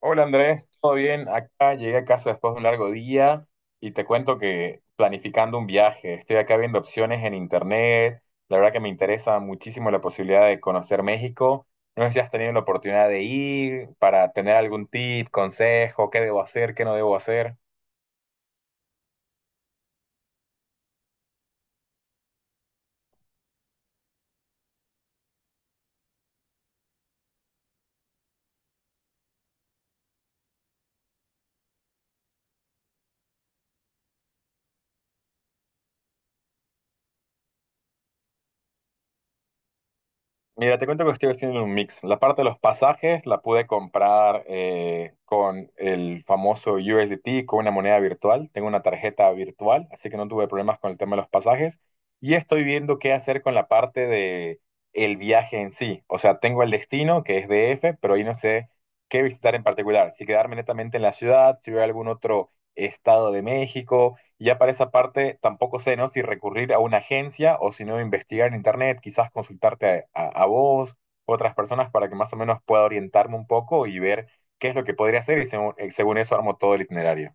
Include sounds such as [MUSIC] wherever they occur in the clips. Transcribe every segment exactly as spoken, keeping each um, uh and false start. Hola Andrés, ¿todo bien? Acá llegué a casa después de un largo día y te cuento que planificando un viaje, estoy acá viendo opciones en internet, la verdad que me interesa muchísimo la posibilidad de conocer México. No sé si has tenido la oportunidad de ir para tener algún tip, consejo, qué debo hacer, qué no debo hacer. Mira, te cuento que estoy haciendo un mix. La parte de los pasajes la pude comprar eh, con el famoso U S D T, con una moneda virtual. Tengo una tarjeta virtual, así que no tuve problemas con el tema de los pasajes. Y estoy viendo qué hacer con la parte de el viaje en sí. O sea, tengo el destino, que es D F, pero ahí no sé qué visitar en particular. Si quedarme netamente en la ciudad, si voy a algún otro estado de México, y ya para esa parte tampoco sé, ¿no? Si recurrir a una agencia o si no investigar en internet, quizás consultarte a, a- a vos, otras personas para que más o menos pueda orientarme un poco y ver qué es lo que podría hacer y según, eh, según eso armo todo el itinerario.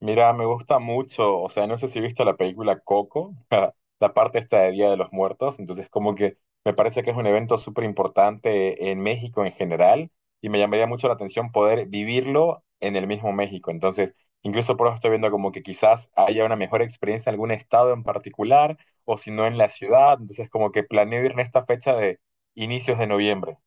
Mira, me gusta mucho, o sea, no sé si viste la película Coco, [LAUGHS] la parte esta de Día de los Muertos, entonces como que me parece que es un evento súper importante en México en general y me llamaría mucho la atención poder vivirlo en el mismo México, entonces incluso por eso estoy viendo como que quizás haya una mejor experiencia en algún estado en particular o si no en la ciudad, entonces como que planeo ir en esta fecha de inicios de noviembre.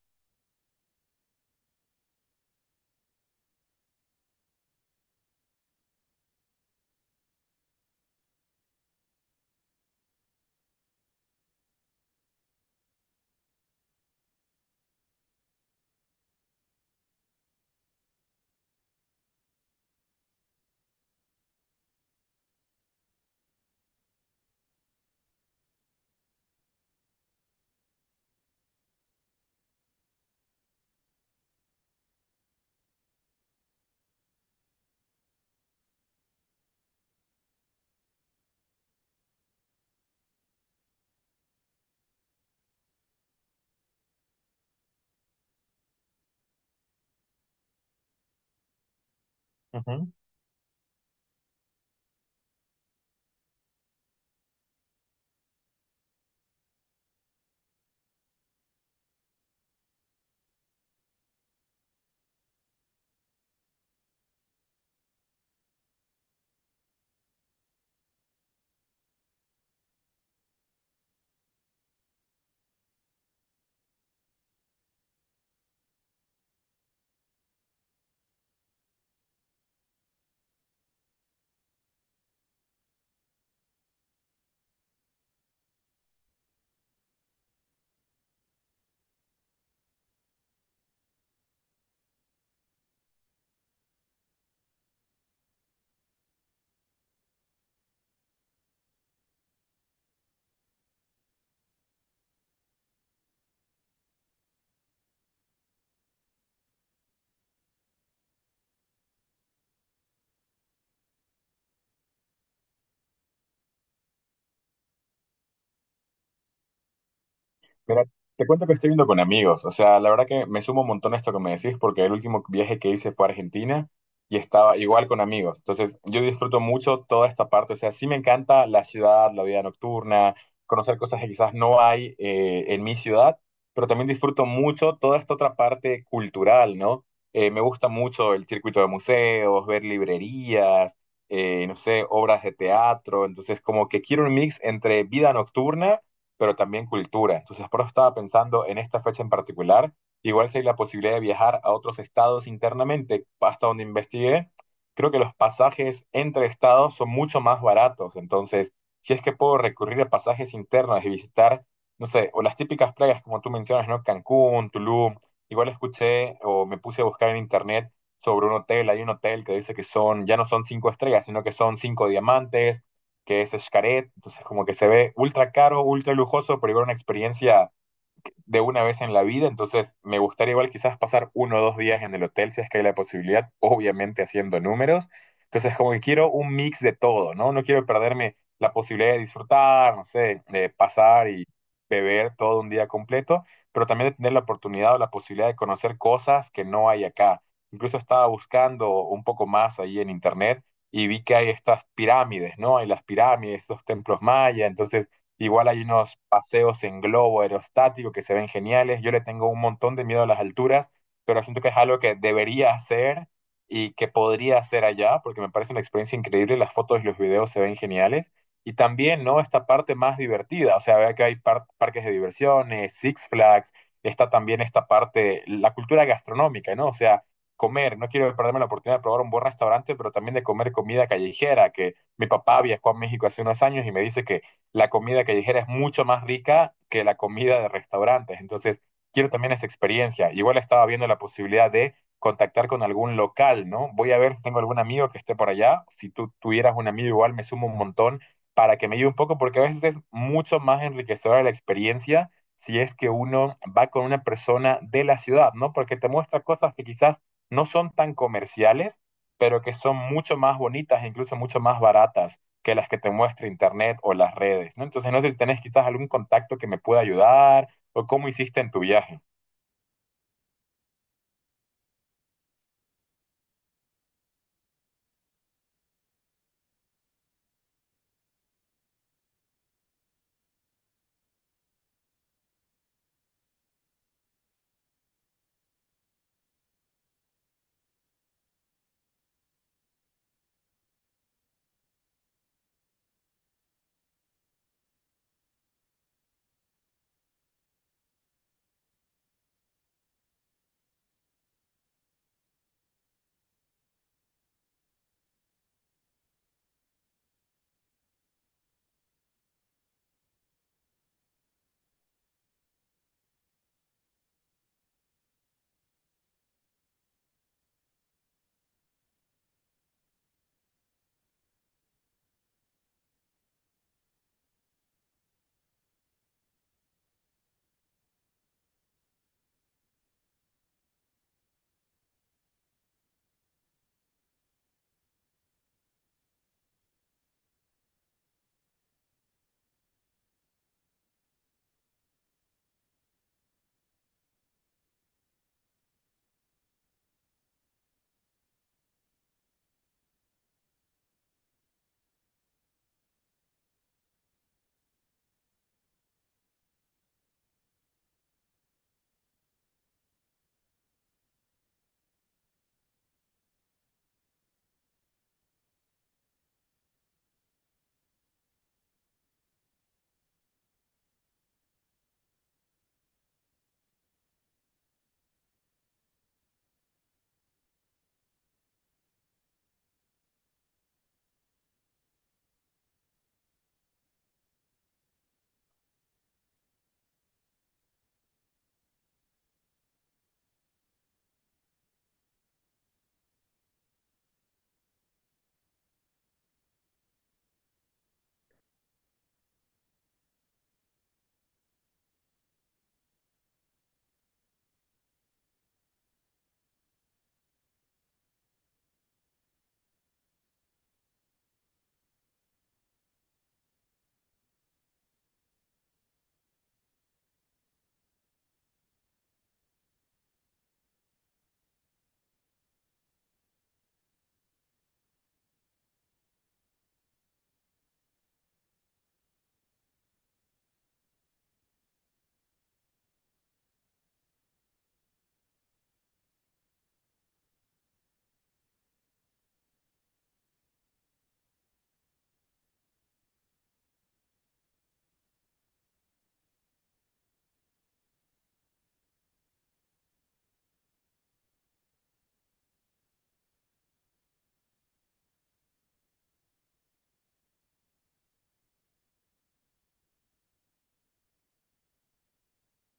Mira, te cuento que estoy yendo con amigos, o sea, la verdad que me sumo un montón a esto que me decís porque el último viaje que hice fue a Argentina y estaba igual con amigos. Entonces, yo disfruto mucho toda esta parte, o sea, sí me encanta la ciudad, la vida nocturna, conocer cosas que quizás no hay eh, en mi ciudad, pero también disfruto mucho toda esta otra parte cultural, ¿no? Eh, me gusta mucho el circuito de museos, ver librerías, eh, no sé, obras de teatro, entonces como que quiero un mix entre vida nocturna pero también cultura. Entonces, por eso estaba pensando en esta fecha en particular. Igual si hay la posibilidad de viajar a otros estados internamente, hasta donde investigué, creo que los pasajes entre estados son mucho más baratos. Entonces, si es que puedo recurrir a pasajes internos y visitar, no sé, o las típicas playas como tú mencionas, ¿no? Cancún, Tulum. Igual escuché o me puse a buscar en internet sobre un hotel. Hay un hotel que dice que son, ya no son cinco estrellas, sino que son cinco diamantes que es Xcaret, entonces como que se ve ultra caro, ultra lujoso, pero igual una experiencia de una vez en la vida, entonces me gustaría igual quizás pasar uno o dos días en el hotel si es que hay la posibilidad, obviamente haciendo números. Entonces como que quiero un mix de todo, ¿no? No quiero perderme la posibilidad de disfrutar, no sé, de pasar y beber todo un día completo, pero también de tener la oportunidad o la posibilidad de conocer cosas que no hay acá. Incluso estaba buscando un poco más ahí en internet y vi que hay estas pirámides, ¿no? Hay las pirámides, estos templos mayas, entonces Igual hay unos paseos en globo aerostático que se ven geniales. Yo le tengo un montón de miedo a las alturas, pero siento que es algo que debería hacer y que podría hacer allá, porque me parece una experiencia increíble. Las fotos y los videos se ven geniales. Y también, ¿no? Esta parte más divertida. O sea, vea que hay par- parques de diversiones, Six Flags. Está también esta parte, la cultura gastronómica, ¿no? O sea, comer. No quiero perderme la oportunidad de probar un buen restaurante, pero también de comer comida callejera, que mi papá viajó a México hace unos años y me dice que la comida callejera es mucho más rica que la comida de restaurantes. Entonces, quiero también esa experiencia. Igual estaba viendo la posibilidad de contactar con algún local, ¿no? Voy a ver si tengo algún amigo que esté por allá. Si tú tuvieras un amigo igual, me sumo un montón para que me ayude un poco, porque a veces es mucho más enriquecedora la experiencia si es que uno va con una persona de la ciudad, ¿no? Porque te muestra cosas que quizás no son tan comerciales, pero que son mucho más bonitas e incluso mucho más baratas que las que te muestra internet o las redes, ¿no? Entonces, no sé si tenés quizás algún contacto que me pueda ayudar o cómo hiciste en tu viaje.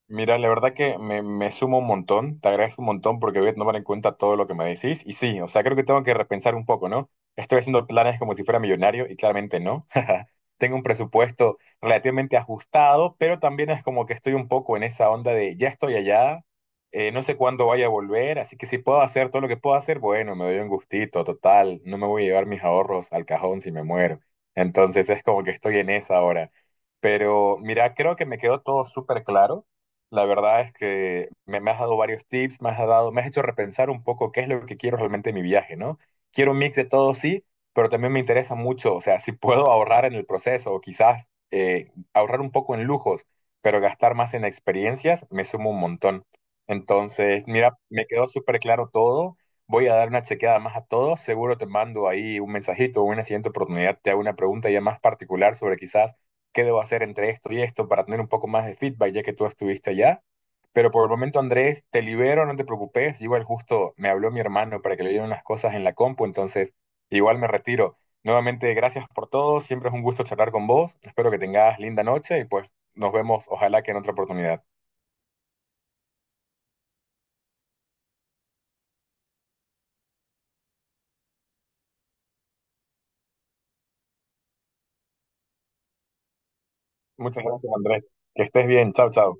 Mira, la verdad que me, me sumo un montón, te agradezco un montón porque voy a tomar en cuenta todo lo que me decís. Y sí, o sea, creo que tengo que repensar un poco, ¿no? Estoy haciendo planes como si fuera millonario y claramente no. [LAUGHS] Tengo un presupuesto relativamente ajustado, pero también es como que estoy un poco en esa onda de ya estoy allá, eh, no sé cuándo vaya a volver, así que si puedo hacer todo lo que puedo hacer, bueno, me doy un gustito, total, no me voy a llevar mis ahorros al cajón si me muero. Entonces es como que estoy en esa ahora. Pero mira, creo que me quedó todo súper claro. La verdad es que me, me has dado varios tips, me has dado, me has hecho repensar un poco qué es lo que quiero realmente en mi viaje, ¿no? Quiero un mix de todo, sí, pero también me interesa mucho, o sea, si puedo ahorrar en el proceso o quizás eh, ahorrar un poco en lujos, pero gastar más en experiencias, me sumo un montón. Entonces, mira, me quedó súper claro todo. Voy a dar una chequeada más a todo. Seguro te mando ahí un mensajito o en una siguiente oportunidad te hago una pregunta ya más particular sobre quizás qué debo hacer entre esto y esto para tener un poco más de feedback, ya que tú estuviste allá. Pero por el momento, Andrés, te libero, no te preocupes. Igual justo me habló mi hermano para que le dieran unas cosas en la compu, entonces igual me retiro. Nuevamente, gracias por todo. Siempre es un gusto charlar con vos. Espero que tengas linda noche y pues nos vemos, ojalá que en otra oportunidad. Muchas gracias, Andrés. Que estés bien. Chao, chao.